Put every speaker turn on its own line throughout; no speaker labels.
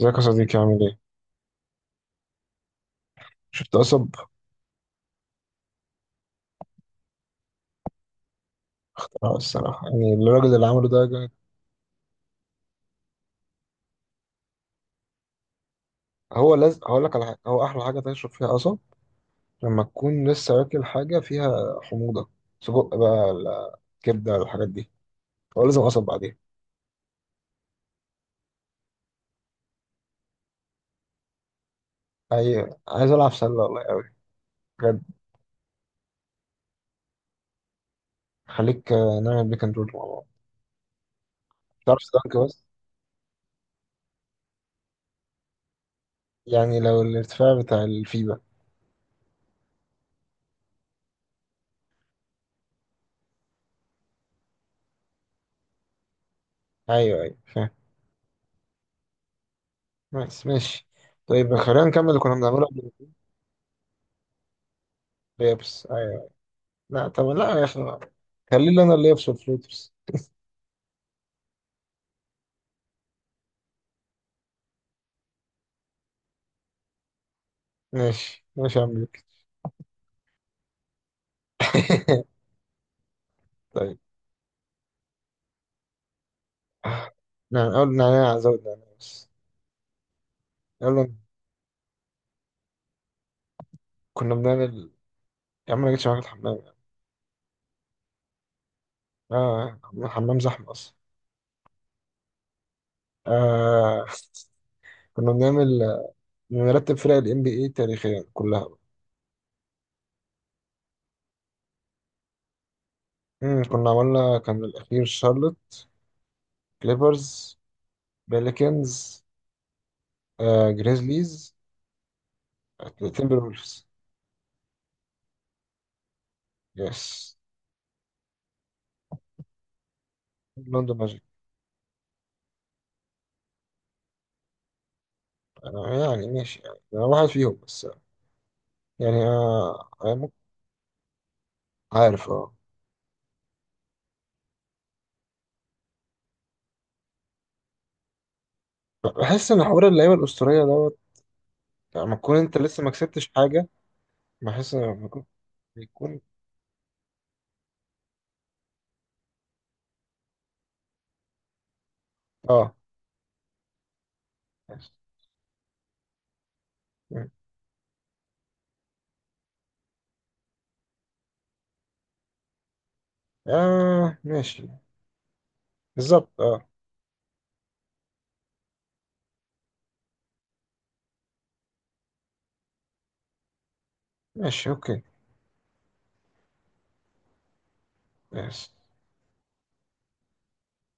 ازيك يا صديقي عامل ايه؟ شفت قصب؟ اه الصراحة يعني الراجل اللي عمله ده جامد. هو لازم هقول لك على حاجة، هو أحلى حاجة تشرب فيها قصب لما تكون لسه واكل حاجة فيها حموضة، سجق بقى ولا كبدة ولا الحاجات دي، هو لازم قصب بعدين. أي عايز ألعب سلة والله أوي، بجد. خليك آه، نعمل بيك اند رول مع بعض، تعرف سلانك بس. يعني لو الارتفاع بتاع الفيبا، أيوه أيوه فاهم. بس ماشي. طيب خلينا نكمل اللي كنا بنعمله قبل. اليابس أيوه. لا طب لا يا أخي، خليني أنا اللي يابس والفلوترز. ماشي ماشي يا عم بيك. طيب، نعم أول نعناع، زود نعناع بس. يلا، كنا بنعمل، يا عم أنا جيتش معاك الحمام يعني. آه الحمام زحمة أصلا. آه، كنا بنعمل، بنرتب فرق ال NBA تاريخيا كلها بقى. كنا عملنا، كان الأخير شارلوت، كليبرز، بيليكنز، آه جريزليز، تيمبر وولفز، يس، لندن ماجيك. أنا يعني ماشي، يعني أنا واحد فيهم بس، يعني آه أنا ممكن- عارف اه. بحس ان حوار اللعيبه الاسطوريه دوت لما تكون انت لسه ما كسبتش حاجه، بحس إن لما يكون- بيكون، اه. يس. مم. اه ماشي. بالظبط اه. ماشي اوكي. يس،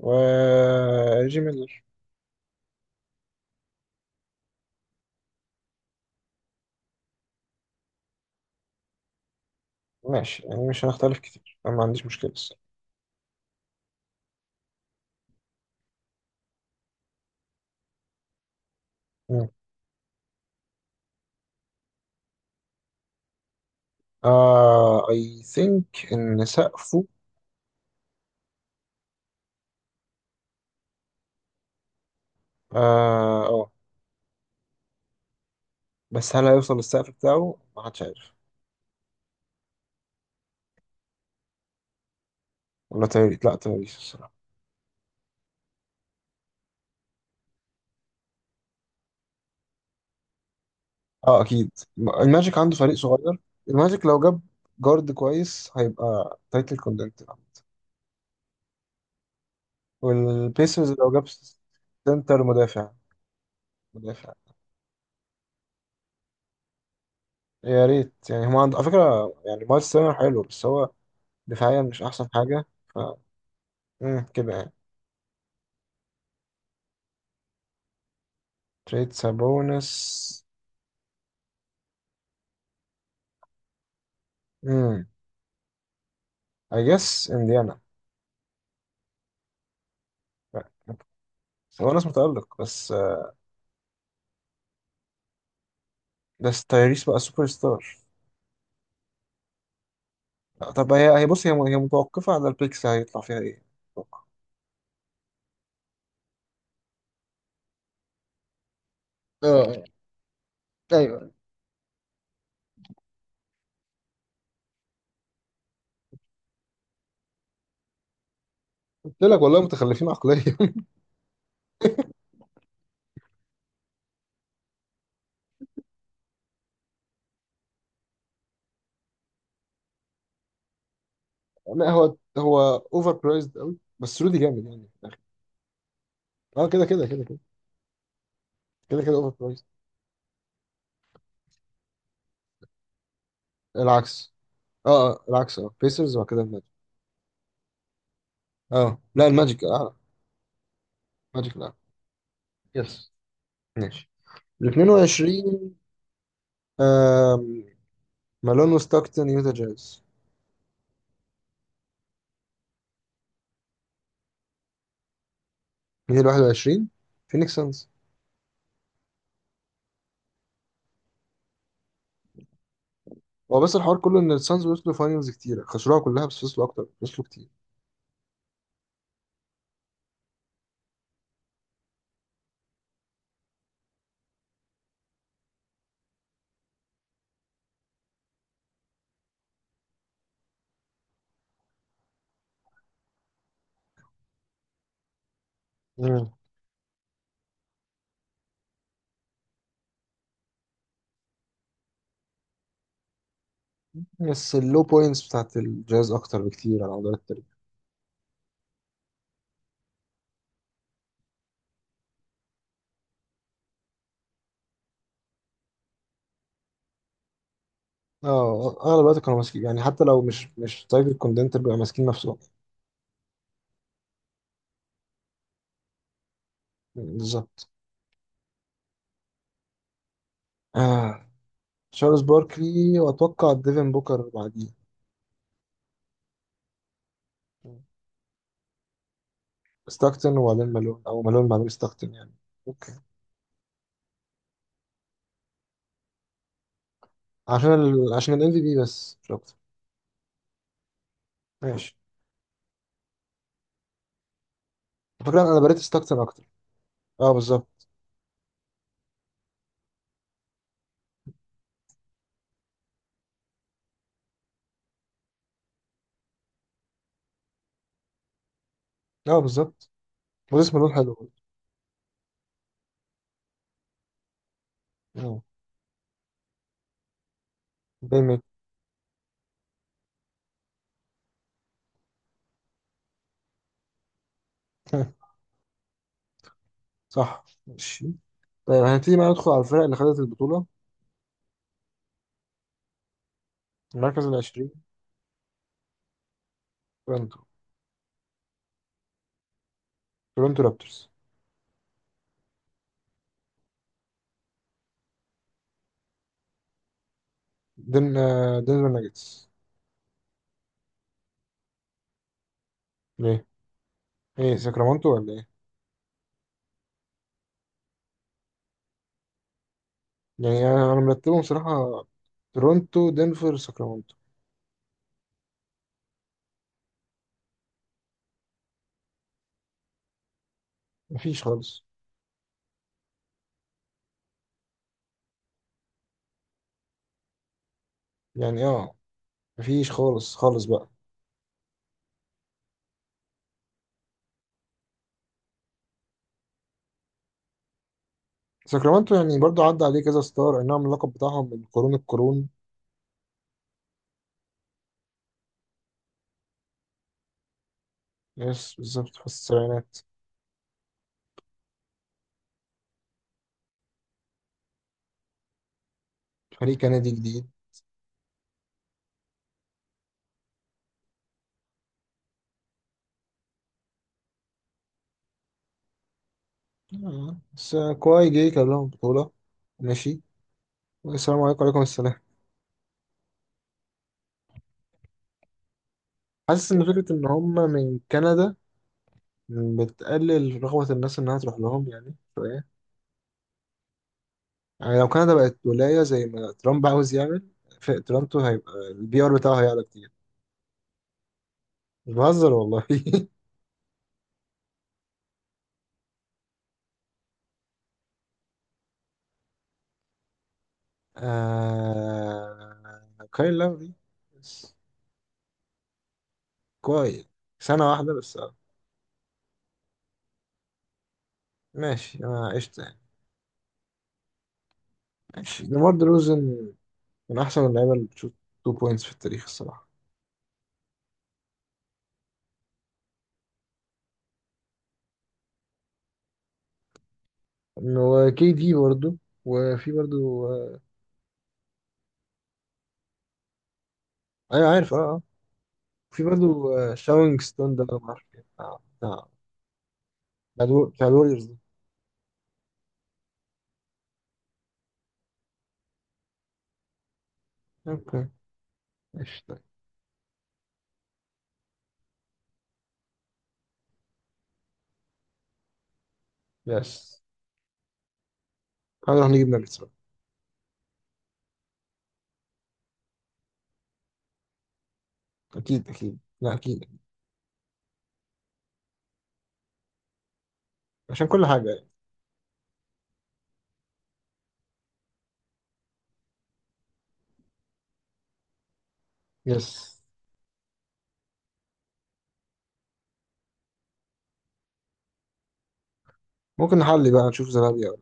و جي ميلر. ماشي يعني مش هنختلف كتير، انا ما عنديش مشكله بس. اه اي ثينك ان سقفه. اه اه. بس هل هيوصل للسقف بتاعه ما حدش عارف. ولا تايريس، لا تايريس الصراحه. اه اكيد، الماجيك عنده فريق صغير. الماجيك لو جاب جارد كويس هيبقى تايتل كوندنت. والبيسرز لو جاب سنتر مدافع، مدافع. يا ريت يعني، هم عند على فكرة يعني مايلز تيرنر حلو بس هو، دفاعيا مش أحسن حاجة. ف كده يعني. تريد سابونس، امم، I guess انديانا. سابونس متألق بس. بس تايريس بقى سوبر ستار. طب هي بص هي متوقفة على البيكس، هيطلع فيها ايه؟ أتوقع. اه آه. ايوه. قلت لك والله متخلفين عقليا. لا هو هو اوفر برايزد قوي، بس رودي جامد يعني في الآخر. اه كده كده كده كده، كده كده اوفر برايزد. العكس. اه اه العكس، اه بيسرز وبعد كده الماجيك. اه لا الماجيك اعلى، الماجيك الاعلى. يس. ماشي. ال 22. آم، مالون وستاكتون، يوتا جاز. مين ال 21؟ فينيكس سانز. هو بس الحوار كله ان السانز وصلوا فاينلز كتيرة خسروها كلها، بس وصلوا اكتر، وصلوا كتير. مم. بس اللو بوينتس بتاعت الجاز اكتر بكتير على مدار التاريخ. اه اغلب الوقت كانوا ماسكين، يعني حتى لو مش تايب الكوندنتر بيبقى ماسكين نفسهم. بالظبط. آه. تشارلز باركلي، واتوقع ديفن بوكر بعديه. ستاكتن وبعدين مالون، او مالون بعدين ستاكتن يعني. اوكي، عشان ال... عشان الام في بي، بس مش اكتر. ماشي. على فكره انا بريت ستاكتن اكتر. اه بالظبط. اه بالظبط. وزيس مالون حلو برضه. اه دايما. صح ماشي. طيب هنبتدي بقى ندخل على الفرق اللي خدت البطوله. المركز العشرين، تورنتو، تورنتو رابترز. دن آه، دنفر ناجتس. ايه ساكرامنتو ولا ايه؟ يعني أنا مرتبهم صراحة، تورونتو، دنفر، ساكرامنتو. مفيش خالص. يعني اه مفيش خالص خالص بقى. ساكرامنتو، يعني برضو عدى عليه كذا ستار، انهم اللقب بتاعهم من قرون القرون. يس بالظبط في السبعينات. فريق كندي جديد. آه. بس كواي جاي كان لهم بطولة. ماشي. والسلام عليكم وعليكم السلام. حاسس ان فكرة ان هم من كندا بتقلل رغبة الناس انها تروح لهم يعني شوية. يعني لو كندا بقت ولاية زي ما ترامب عاوز يعمل، في تورنتو هيبقى البي ار بتاعه هيعلى كتير. مش بهزر والله. آه... كايل لاوري بس. كويس. سنة واحدة بس آه. ماشي أنا عشت يعني. ماشي، ديمار دروزن، من أحسن اللعيبة اللي بتشوط 2 بوينتس في التاريخ الصراحة. وكي دي برضه. وفي برضه آه، أيوة عارف أه أه. في برضه آه، شاونج ستون، ده أنا معرفش إيه. بتاع بتاع الوريورز ده. أوكي ماشي طيب. بس هنروح نجيب ناجتس بقى. اكيد اكيد، لا اكيد. عشان كل حاجه يعني. يس. ممكن نحلي بقى، نشوف زلابيا.